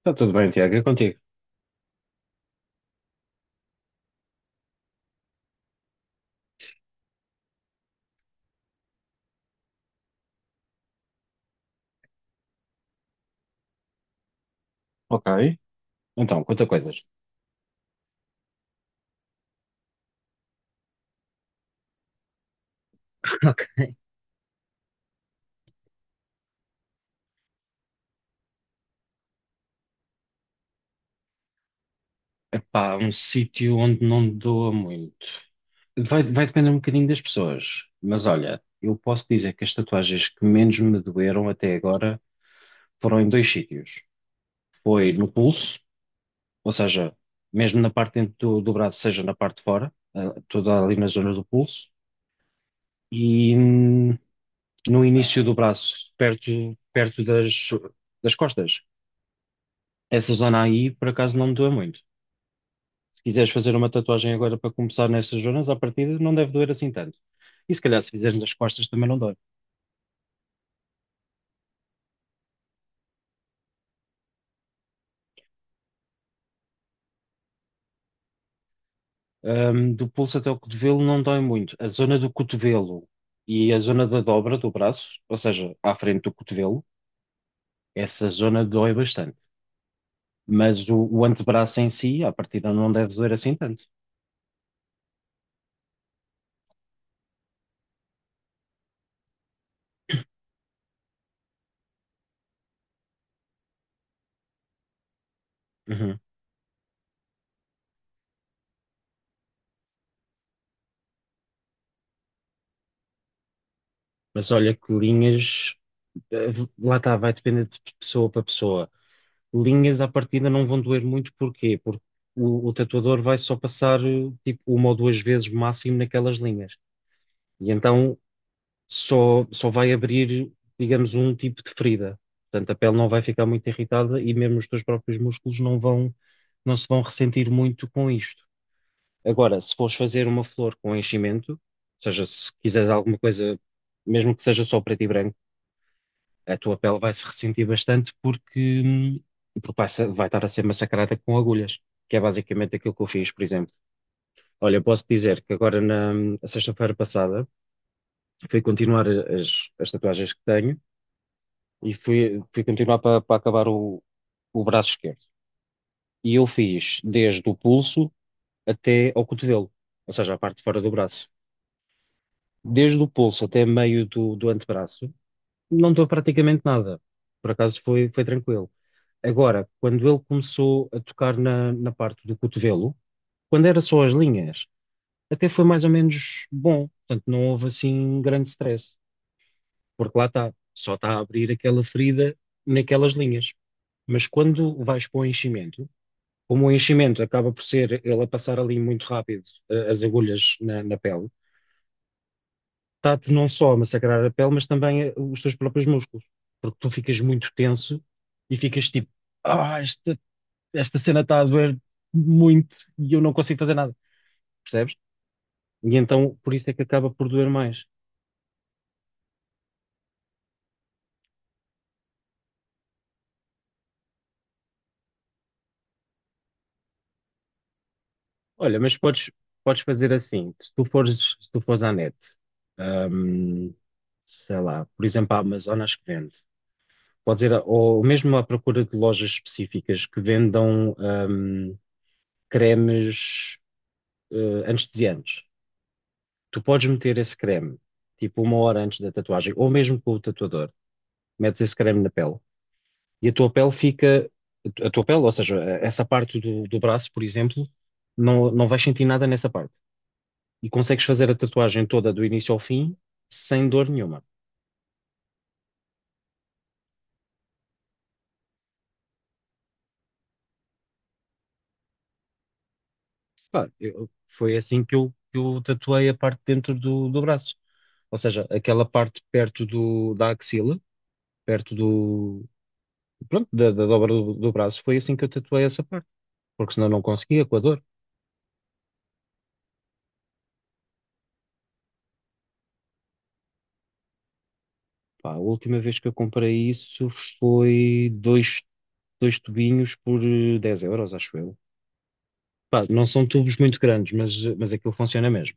Está tudo bem, Tiago, é contigo. Ok. Então, quantas coisas. Ok. Epá, um sítio onde não doa muito. Vai depender um bocadinho das pessoas, mas olha, eu posso dizer que as tatuagens que menos me doeram até agora foram em dois sítios. Foi no pulso, ou seja, mesmo na parte dentro do braço, seja na parte de fora, toda ali na zona do pulso, e no início do braço, perto das costas. Essa zona aí, por acaso, não me doa muito. Se quiseres fazer uma tatuagem agora para começar nessas zonas, à partida não deve doer assim tanto. E se calhar se fizeres nas costas também não dói. Do pulso até o cotovelo não dói muito. A zona do cotovelo e a zona da dobra do braço, ou seja, à frente do cotovelo, essa zona dói bastante. Mas o antebraço em si, à partida não deve doer assim tanto. Uhum. Mas olha que linhas, eh, lá está, vai depender de pessoa para pessoa. Linhas à partida não vão doer muito, porquê? Porque o tatuador vai só passar tipo uma ou duas vezes máximo naquelas linhas. E então só vai abrir, digamos, um tipo de ferida. Portanto, a pele não vai ficar muito irritada e mesmo os teus próprios músculos não se vão ressentir muito com isto. Agora, se fores fazer uma flor com enchimento, ou seja, se quiseres alguma coisa, mesmo que seja só preto e branco, a tua pele vai se ressentir bastante porque vai estar a ser massacrada com agulhas, que é basicamente aquilo que eu fiz, por exemplo. Olha, eu posso dizer que agora na sexta-feira passada fui continuar as tatuagens que tenho e fui continuar para acabar o braço esquerdo. E eu fiz desde o pulso até ao cotovelo, ou seja, a parte de fora do braço. Desde o pulso até meio do antebraço, não dou praticamente nada. Por acaso foi tranquilo. Agora, quando ele começou a tocar na parte do cotovelo, quando era só as linhas, até foi mais ou menos bom. Portanto, não houve assim grande stress, porque lá está, só está a abrir aquela ferida naquelas linhas. Mas quando vais para o enchimento, como o enchimento acaba por ser ele a passar ali muito rápido as agulhas na pele, está-te não só a massacrar a pele, mas também os teus próprios músculos, porque tu ficas muito tenso e ficas tipo, ah, isto esta cena está a doer muito e eu não consigo fazer nada, percebes? E então por isso é que acaba por doer mais. Olha, mas podes fazer assim, se tu fores à net, hum, sei lá, por exemplo, a Amazon acho que vende. Pode ser, ou mesmo à procura de lojas específicas que vendam cremes anestesiantes. Tu podes meter esse creme, tipo 1 hora antes da tatuagem, ou mesmo com o tatuador, metes esse creme na pele e a tua pele fica, a tua pele, ou seja, essa parte do braço, por exemplo, não vais sentir nada nessa parte. E consegues fazer a tatuagem toda do início ao fim sem dor nenhuma. Pá, foi assim que eu tatuei a parte dentro do braço. Ou seja, aquela parte perto da axila, perto do, pronto, da dobra do braço, foi assim que eu tatuei essa parte, porque senão não conseguia com a dor. Pá, a última vez que eu comprei isso foi dois tubinhos por 10 euros, acho eu. Pá, não são tubos muito grandes, mas aquilo funciona mesmo.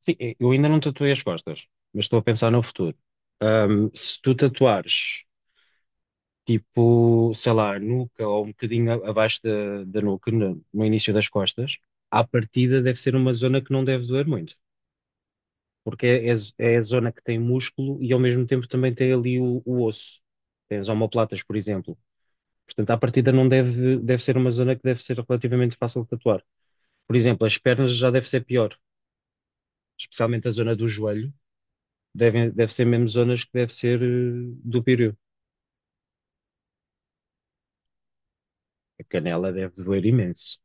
Sim, eu ainda não tatuei as costas, mas estou a pensar no futuro. Se tu tatuares, tipo, sei lá, a nuca ou um bocadinho abaixo da nuca, no início das costas, à partida deve ser uma zona que não deve doer muito, porque é a zona que tem músculo e ao mesmo tempo também tem ali o osso. Tem as omoplatas, por exemplo. Portanto, à partida não deve, deve ser uma zona que deve ser relativamente fácil de tatuar. Por exemplo, as pernas já deve ser pior, especialmente a zona do joelho, deve ser mesmo zonas que deve ser do pírio. A canela deve doer imenso.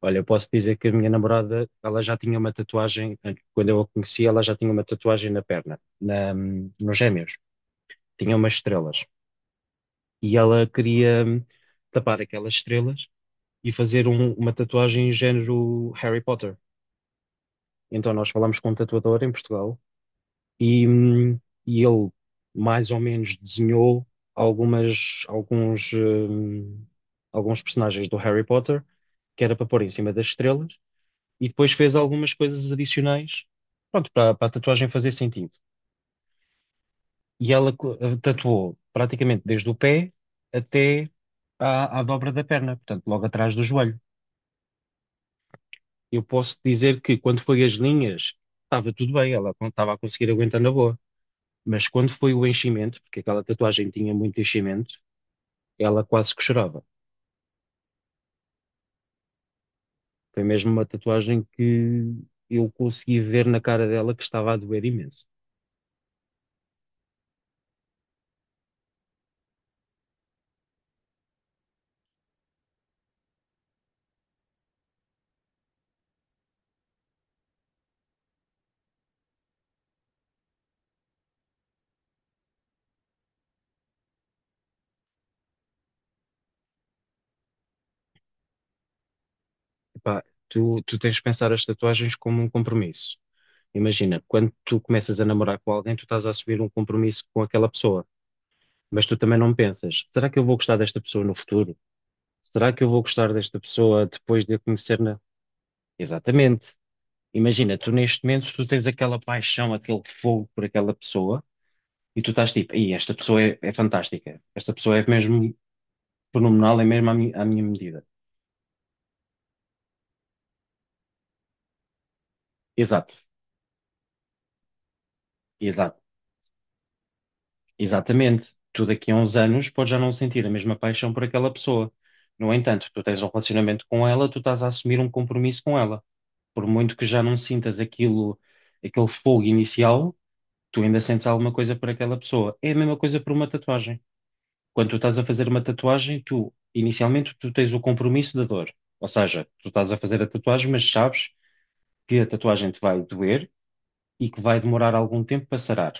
Olha, eu posso dizer que a minha namorada, ela já tinha uma tatuagem, quando eu a conheci, ela já tinha uma tatuagem na perna, nos gêmeos. Tinha umas estrelas. E ela queria tapar aquelas estrelas e fazer uma tatuagem em género Harry Potter. Então nós falámos com um tatuador em Portugal e, hum, e ele mais ou menos desenhou algumas, alguns, hum, alguns personagens do Harry Potter, que era para pôr em cima das estrelas, e depois fez algumas coisas adicionais, pronto, para a tatuagem fazer sentido. E ela tatuou praticamente desde o pé até à dobra da perna, portanto, logo atrás do joelho. Eu posso dizer que quando foi as linhas, estava tudo bem, ela estava a conseguir aguentar na boa. Mas quando foi o enchimento, porque aquela tatuagem tinha muito enchimento, ela quase que chorava. Foi mesmo uma tatuagem que eu consegui ver na cara dela que estava a doer imenso. Epá, tu tens de pensar as tatuagens como um compromisso. Imagina, quando tu começas a namorar com alguém, tu estás a assumir um compromisso com aquela pessoa, mas tu também não pensas, será que eu vou gostar desta pessoa no futuro? Será que eu vou gostar desta pessoa depois de a conhecer na... Exatamente. Imagina, tu neste momento, tu tens aquela paixão, aquele fogo por aquela pessoa, e tu estás tipo: "Ei, esta pessoa é fantástica, esta pessoa é mesmo fenomenal, é mesmo à minha medida." Exato, exato, exatamente. Tu daqui a uns anos podes já não sentir a mesma paixão por aquela pessoa. No entanto, tu tens um relacionamento com ela, tu estás a assumir um compromisso com ela. Por muito que já não sintas aquilo, aquele fogo inicial, tu ainda sentes alguma coisa por aquela pessoa. É a mesma coisa por uma tatuagem. Quando tu estás a fazer uma tatuagem, tu, inicialmente, tu tens o compromisso da dor. Ou seja, tu estás a fazer a tatuagem, mas sabes que a tatuagem te vai doer e que vai demorar algum tempo para sarar.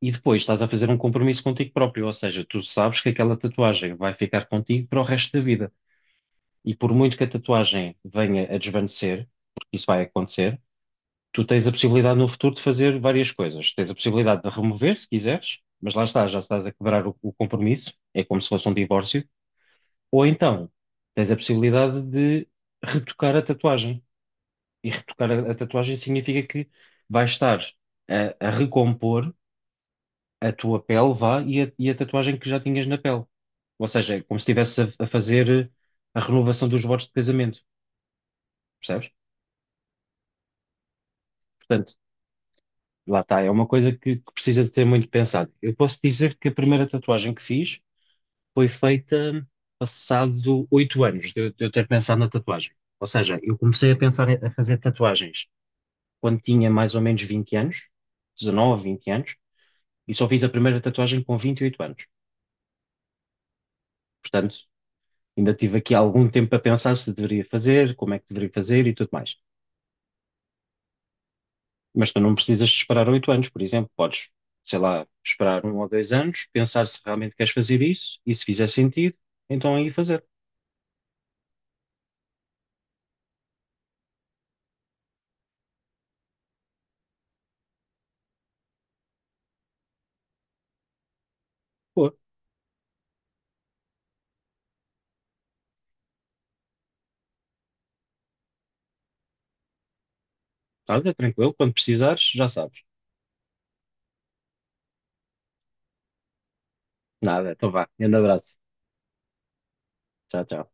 E depois estás a fazer um compromisso contigo próprio, ou seja, tu sabes que aquela tatuagem vai ficar contigo para o resto da vida. E por muito que a tatuagem venha a desvanecer, porque isso vai acontecer, tu tens a possibilidade no futuro de fazer várias coisas. Tens a possibilidade de remover, se quiseres, mas lá está, já estás a quebrar o compromisso, é como se fosse um divórcio. Ou então, tens a possibilidade de retocar a tatuagem. E retocar a tatuagem significa que vais estar a recompor a tua pele, vá, e a tatuagem que já tinhas na pele. Ou seja, é como se estivesse a fazer a renovação dos votos de casamento, percebes? Portanto, lá está, é uma coisa que precisa de ser muito pensada. Eu posso dizer que a primeira tatuagem que fiz foi feita passado 8 anos de eu ter pensado na tatuagem. Ou seja, eu comecei a pensar a fazer tatuagens quando tinha mais ou menos 20 anos, 19, 20 anos, e só fiz a primeira tatuagem com 28 anos. Portanto, ainda tive aqui algum tempo a pensar se deveria fazer, como é que deveria fazer e tudo mais. Mas tu não precisas de esperar 8 anos, por exemplo. Podes, sei lá, esperar 1 ou 2 anos, pensar se realmente queres fazer isso e se fizer sentido, então aí fazer. Pô, olha, tranquilo, quando precisares, já sabes. Nada, então vá. Grande abraço. Tchau, tchau.